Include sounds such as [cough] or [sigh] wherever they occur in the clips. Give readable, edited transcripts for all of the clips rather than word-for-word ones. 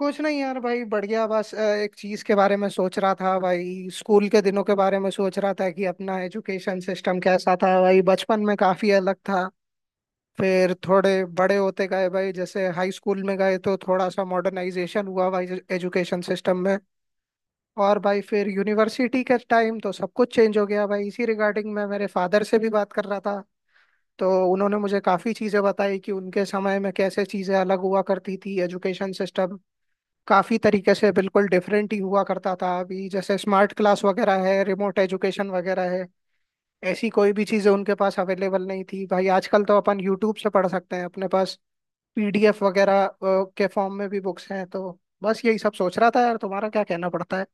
कुछ नहीं यार भाई बढ़ गया। बस एक चीज के बारे में सोच रहा था भाई। स्कूल के दिनों के बारे में सोच रहा था कि अपना एजुकेशन सिस्टम कैसा था। भाई बचपन में काफी अलग था। फिर थोड़े बड़े होते गए भाई, जैसे हाई स्कूल में गए तो थोड़ा सा मॉडर्नाइजेशन हुआ भाई एजुकेशन सिस्टम में। और भाई फिर यूनिवर्सिटी के टाइम तो सब कुछ चेंज हो गया। भाई इसी रिगार्डिंग मैं मेरे फादर से भी बात कर रहा था। तो उन्होंने मुझे काफी चीजें बताई कि उनके समय में कैसे चीजें अलग हुआ करती थी। एजुकेशन सिस्टम काफी तरीके से बिल्कुल डिफरेंट ही हुआ करता था। अभी जैसे स्मार्ट क्लास वगैरह है, रिमोट एजुकेशन वगैरह है, ऐसी कोई भी चीजें उनके पास अवेलेबल नहीं थी। भाई आजकल तो अपन यूट्यूब से पढ़ सकते हैं, अपने पास पीडीएफ वगैरह के फॉर्म में भी बुक्स हैं। तो बस यही सब सोच रहा था यार, तुम्हारा क्या कहना पड़ता है।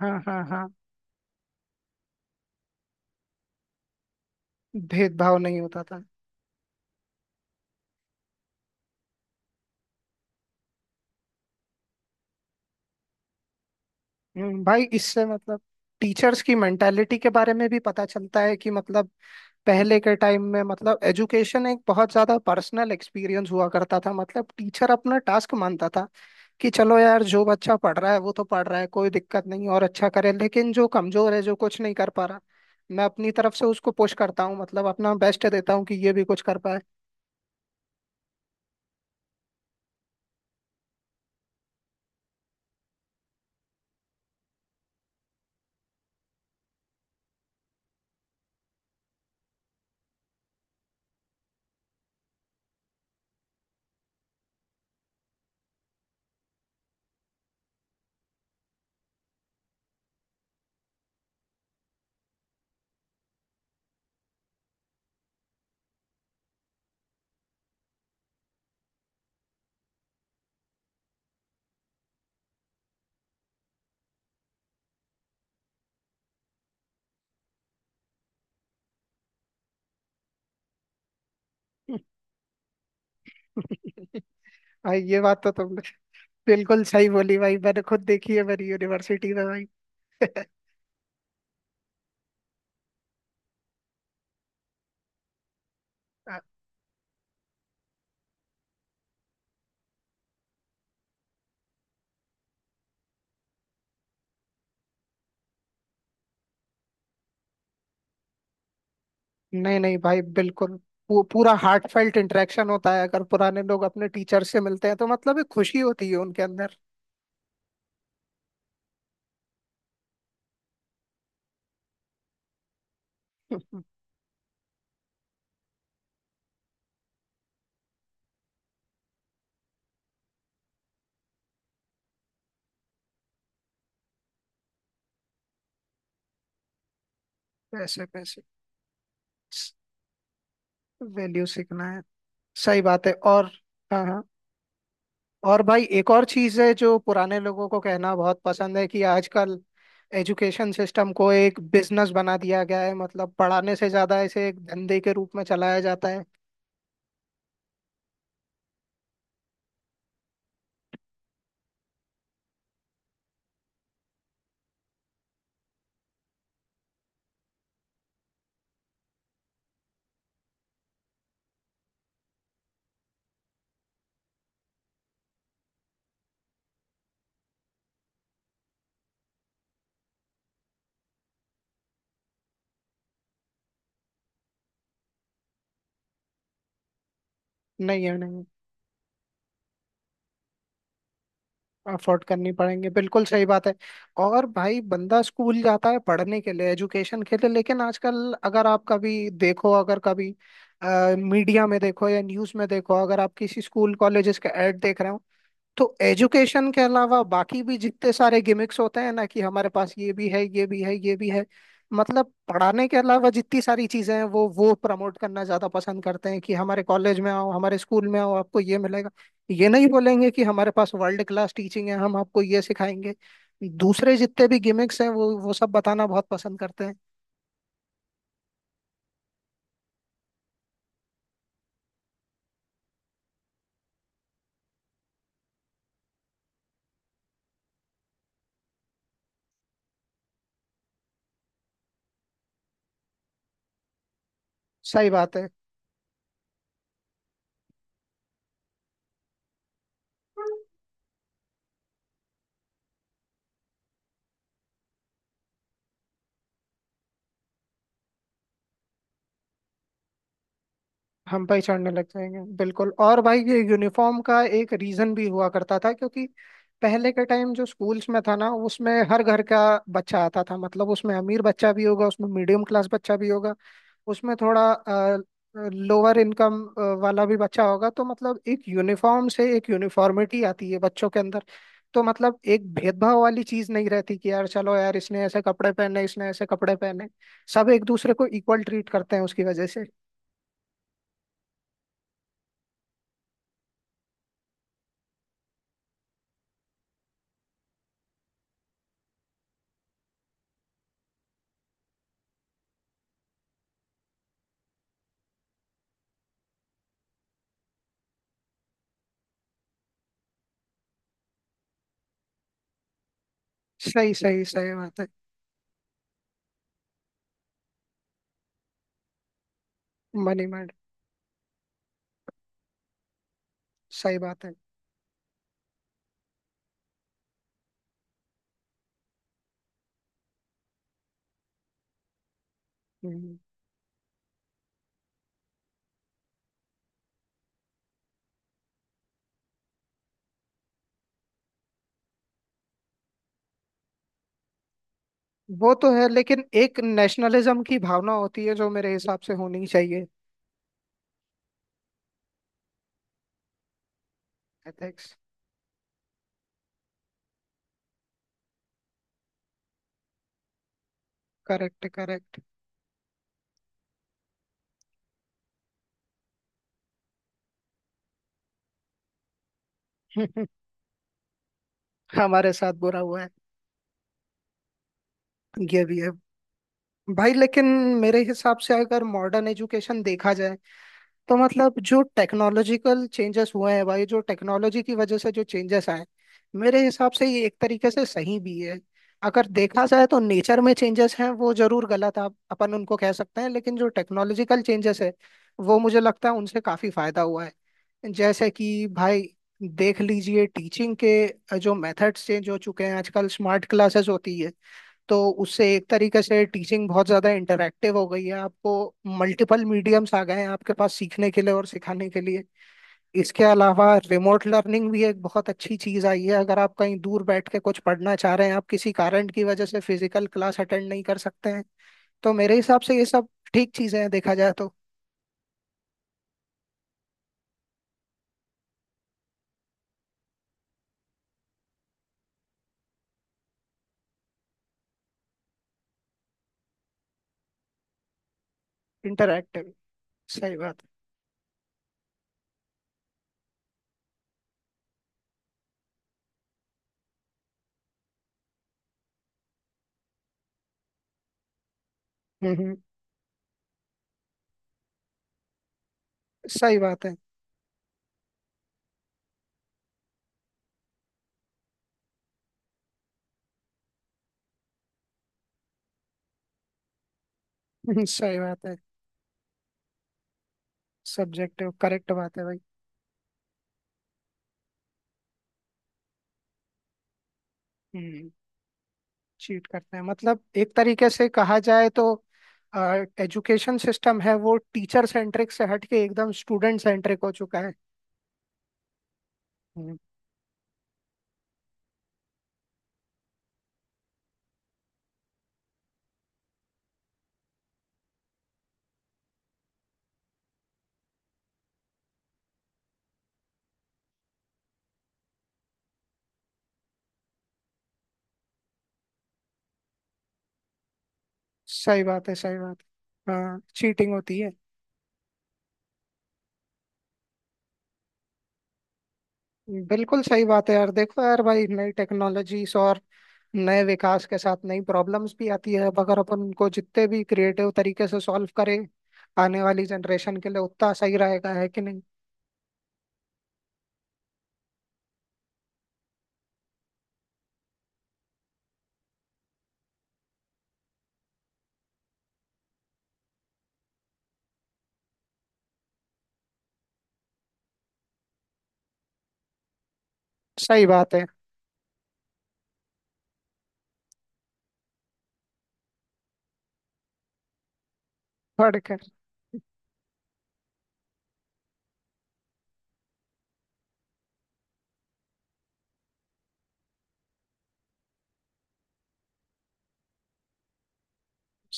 हाँ हाँ हाँ। भेदभाव नहीं होता था। भाई इससे मतलब टीचर्स की मेंटालिटी के बारे में भी पता चलता है कि मतलब पहले के टाइम में मतलब एजुकेशन एक बहुत ज्यादा पर्सनल एक्सपीरियंस हुआ करता था। मतलब टीचर अपना टास्क मानता था कि चलो यार, जो बच्चा पढ़ रहा है वो तो पढ़ रहा है, कोई दिक्कत नहीं और अच्छा करे, लेकिन जो कमजोर है, जो कुछ नहीं कर पा रहा, मैं अपनी तरफ से उसको पुश करता हूँ। मतलब अपना बेस्ट देता हूँ कि ये भी कुछ कर पाए। [laughs] भाई ये बात तो तुमने बिल्कुल सही बोली भाई, मैंने खुद देखी है मेरी यूनिवर्सिटी में भाई। [laughs] नहीं नहीं भाई, बिल्कुल वो पूरा हार्ट फेल्ट इंटरेक्शन होता है। अगर पुराने लोग अपने टीचर से मिलते हैं तो मतलब एक खुशी होती है उनके अंदर। [laughs] पैसे पैसे। वैल्यू सीखना है। सही बात है। और हाँ हाँ। और भाई एक और चीज है जो पुराने लोगों को कहना बहुत पसंद है कि आजकल एजुकेशन सिस्टम को एक बिजनेस बना दिया गया है। मतलब पढ़ाने से ज्यादा इसे एक धंधे के रूप में चलाया जाता है। नहीं है नहीं। अफोर्ड करनी पड़ेंगे, बिल्कुल सही बात है। और भाई बंदा स्कूल जाता है पढ़ने के लिए, एजुकेशन के लिए, लेकिन आजकल अगर आप कभी देखो, अगर कभी मीडिया में देखो या न्यूज़ में देखो, अगर आप किसी स्कूल कॉलेजेस का एड देख रहे हो तो एजुकेशन के अलावा बाकी भी जितने सारे गिमिक्स होते हैं ना कि हमारे पास ये भी है, ये भी है, ये भी है। मतलब पढ़ाने के अलावा जितनी सारी चीजें हैं वो प्रमोट करना ज्यादा पसंद करते हैं कि हमारे कॉलेज में आओ, हमारे स्कूल में आओ, आपको ये मिलेगा। ये नहीं बोलेंगे कि हमारे पास वर्ल्ड क्लास टीचिंग है, हम आपको ये सिखाएंगे। दूसरे जितने भी गिमिक्स हैं वो सब बताना बहुत पसंद करते हैं। सही बात है। हम पहचानने लग जाएंगे बिल्कुल। और भाई ये यूनिफॉर्म का एक रीजन भी हुआ करता था क्योंकि पहले के टाइम जो स्कूल्स में था ना, उसमें हर घर का बच्चा आता था। मतलब उसमें अमीर बच्चा भी होगा, उसमें मीडियम क्लास बच्चा भी होगा, उसमें थोड़ा लोअर इनकम वाला भी बच्चा होगा। तो मतलब एक यूनिफॉर्म से एक यूनिफॉर्मिटी आती है बच्चों के अंदर। तो मतलब एक भेदभाव वाली चीज नहीं रहती कि यार चलो यार इसने ऐसे कपड़े पहने, इसने ऐसे कपड़े पहने। सब एक दूसरे को इक्वल ट्रीट करते हैं उसकी वजह से। सही सही सही बात है। Money mind. सही बात है। हम्म, वो तो है, लेकिन एक नेशनलिज्म की भावना होती है जो मेरे हिसाब से होनी चाहिए। एथिक्स। Correct correct. [laughs] हमारे साथ बुरा हुआ है। ये भी है। भाई लेकिन मेरे हिसाब से अगर मॉडर्न एजुकेशन देखा जाए तो मतलब जो टेक्नोलॉजिकल चेंजेस हुए हैं भाई, जो टेक्नोलॉजी की वजह से जो चेंजेस आए, मेरे हिसाब से ये एक तरीके से सही भी है। अगर देखा जाए तो नेचर में चेंजेस हैं वो जरूर गलत आप अपन उनको कह सकते हैं, लेकिन जो टेक्नोलॉजिकल चेंजेस है, वो मुझे लगता है उनसे काफी फायदा हुआ है। जैसे कि भाई देख लीजिए टीचिंग के जो मेथड्स चेंज हो चुके हैं, आजकल स्मार्ट क्लासेस होती है। तो उससे एक तरीके से टीचिंग बहुत ज़्यादा इंटरैक्टिव हो गई है, आपको मल्टीपल मीडियम्स आ गए हैं आपके पास सीखने के लिए और सिखाने के लिए। इसके अलावा रिमोट लर्निंग भी एक बहुत अच्छी चीज़ आई है, अगर आप कहीं दूर बैठ के कुछ पढ़ना चाह रहे हैं, आप किसी कारण की वजह से फिजिकल क्लास अटेंड नहीं कर सकते हैं। तो मेरे हिसाब से ये सब ठीक चीज़ें हैं देखा जाए तो। इंटरैक्टिव। सही बात है। सही बात है। [laughs] सही बात है। सब्जेक्टिव करेक्ट बात है भाई। हम्म चीट करते हैं मतलब एक तरीके से कहा जाए तो एजुकेशन सिस्टम है वो टीचर सेंट्रिक से हट के एकदम स्टूडेंट सेंट्रिक हो चुका है। हम्म, सही बात है। सही बात है। हाँ चीटिंग होती है। बिल्कुल सही बात है यार, देखो यार भाई नई टेक्नोलॉजीज और नए विकास के साथ नई प्रॉब्लम्स भी आती है। अब अगर अपन उनको जितने भी क्रिएटिव तरीके से सॉल्व करें आने वाली जनरेशन के लिए उतना सही रहेगा, है कि नहीं। सही बात है। पढ़ कर।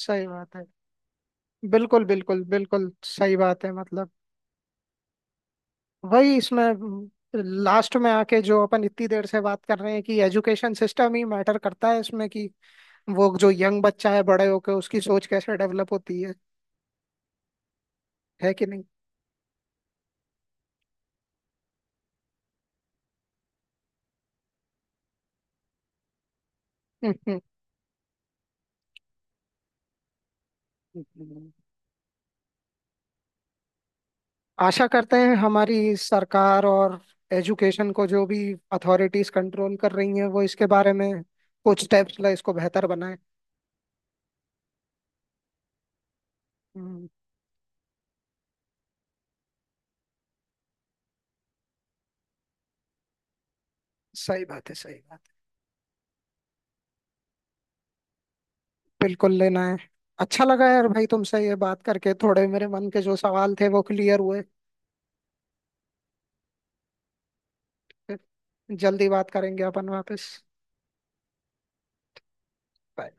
सही बात है। बिल्कुल बिल्कुल बिल्कुल सही बात है। मतलब वही इसमें लास्ट में आके जो अपन इतनी देर से बात कर रहे हैं कि एजुकेशन सिस्टम ही मैटर करता है इसमें, कि वो जो यंग बच्चा है बड़े होके उसकी सोच कैसे डेवलप होती है कि नहीं। [laughs] हम्म, हम्म। हम्म। आशा करते हैं हमारी सरकार और एजुकेशन को जो भी अथॉरिटीज कंट्रोल कर रही हैं वो इसके बारे में कुछ स्टेप्स ले, इसको बेहतर बनाए। हम्म, सही बात है। सही बात है। बिल्कुल लेना है। अच्छा लगा यार भाई तुमसे ये बात करके, थोड़े मेरे मन के जो सवाल थे वो क्लियर हुए। फिर जल्दी बात करेंगे अपन वापस। Bye.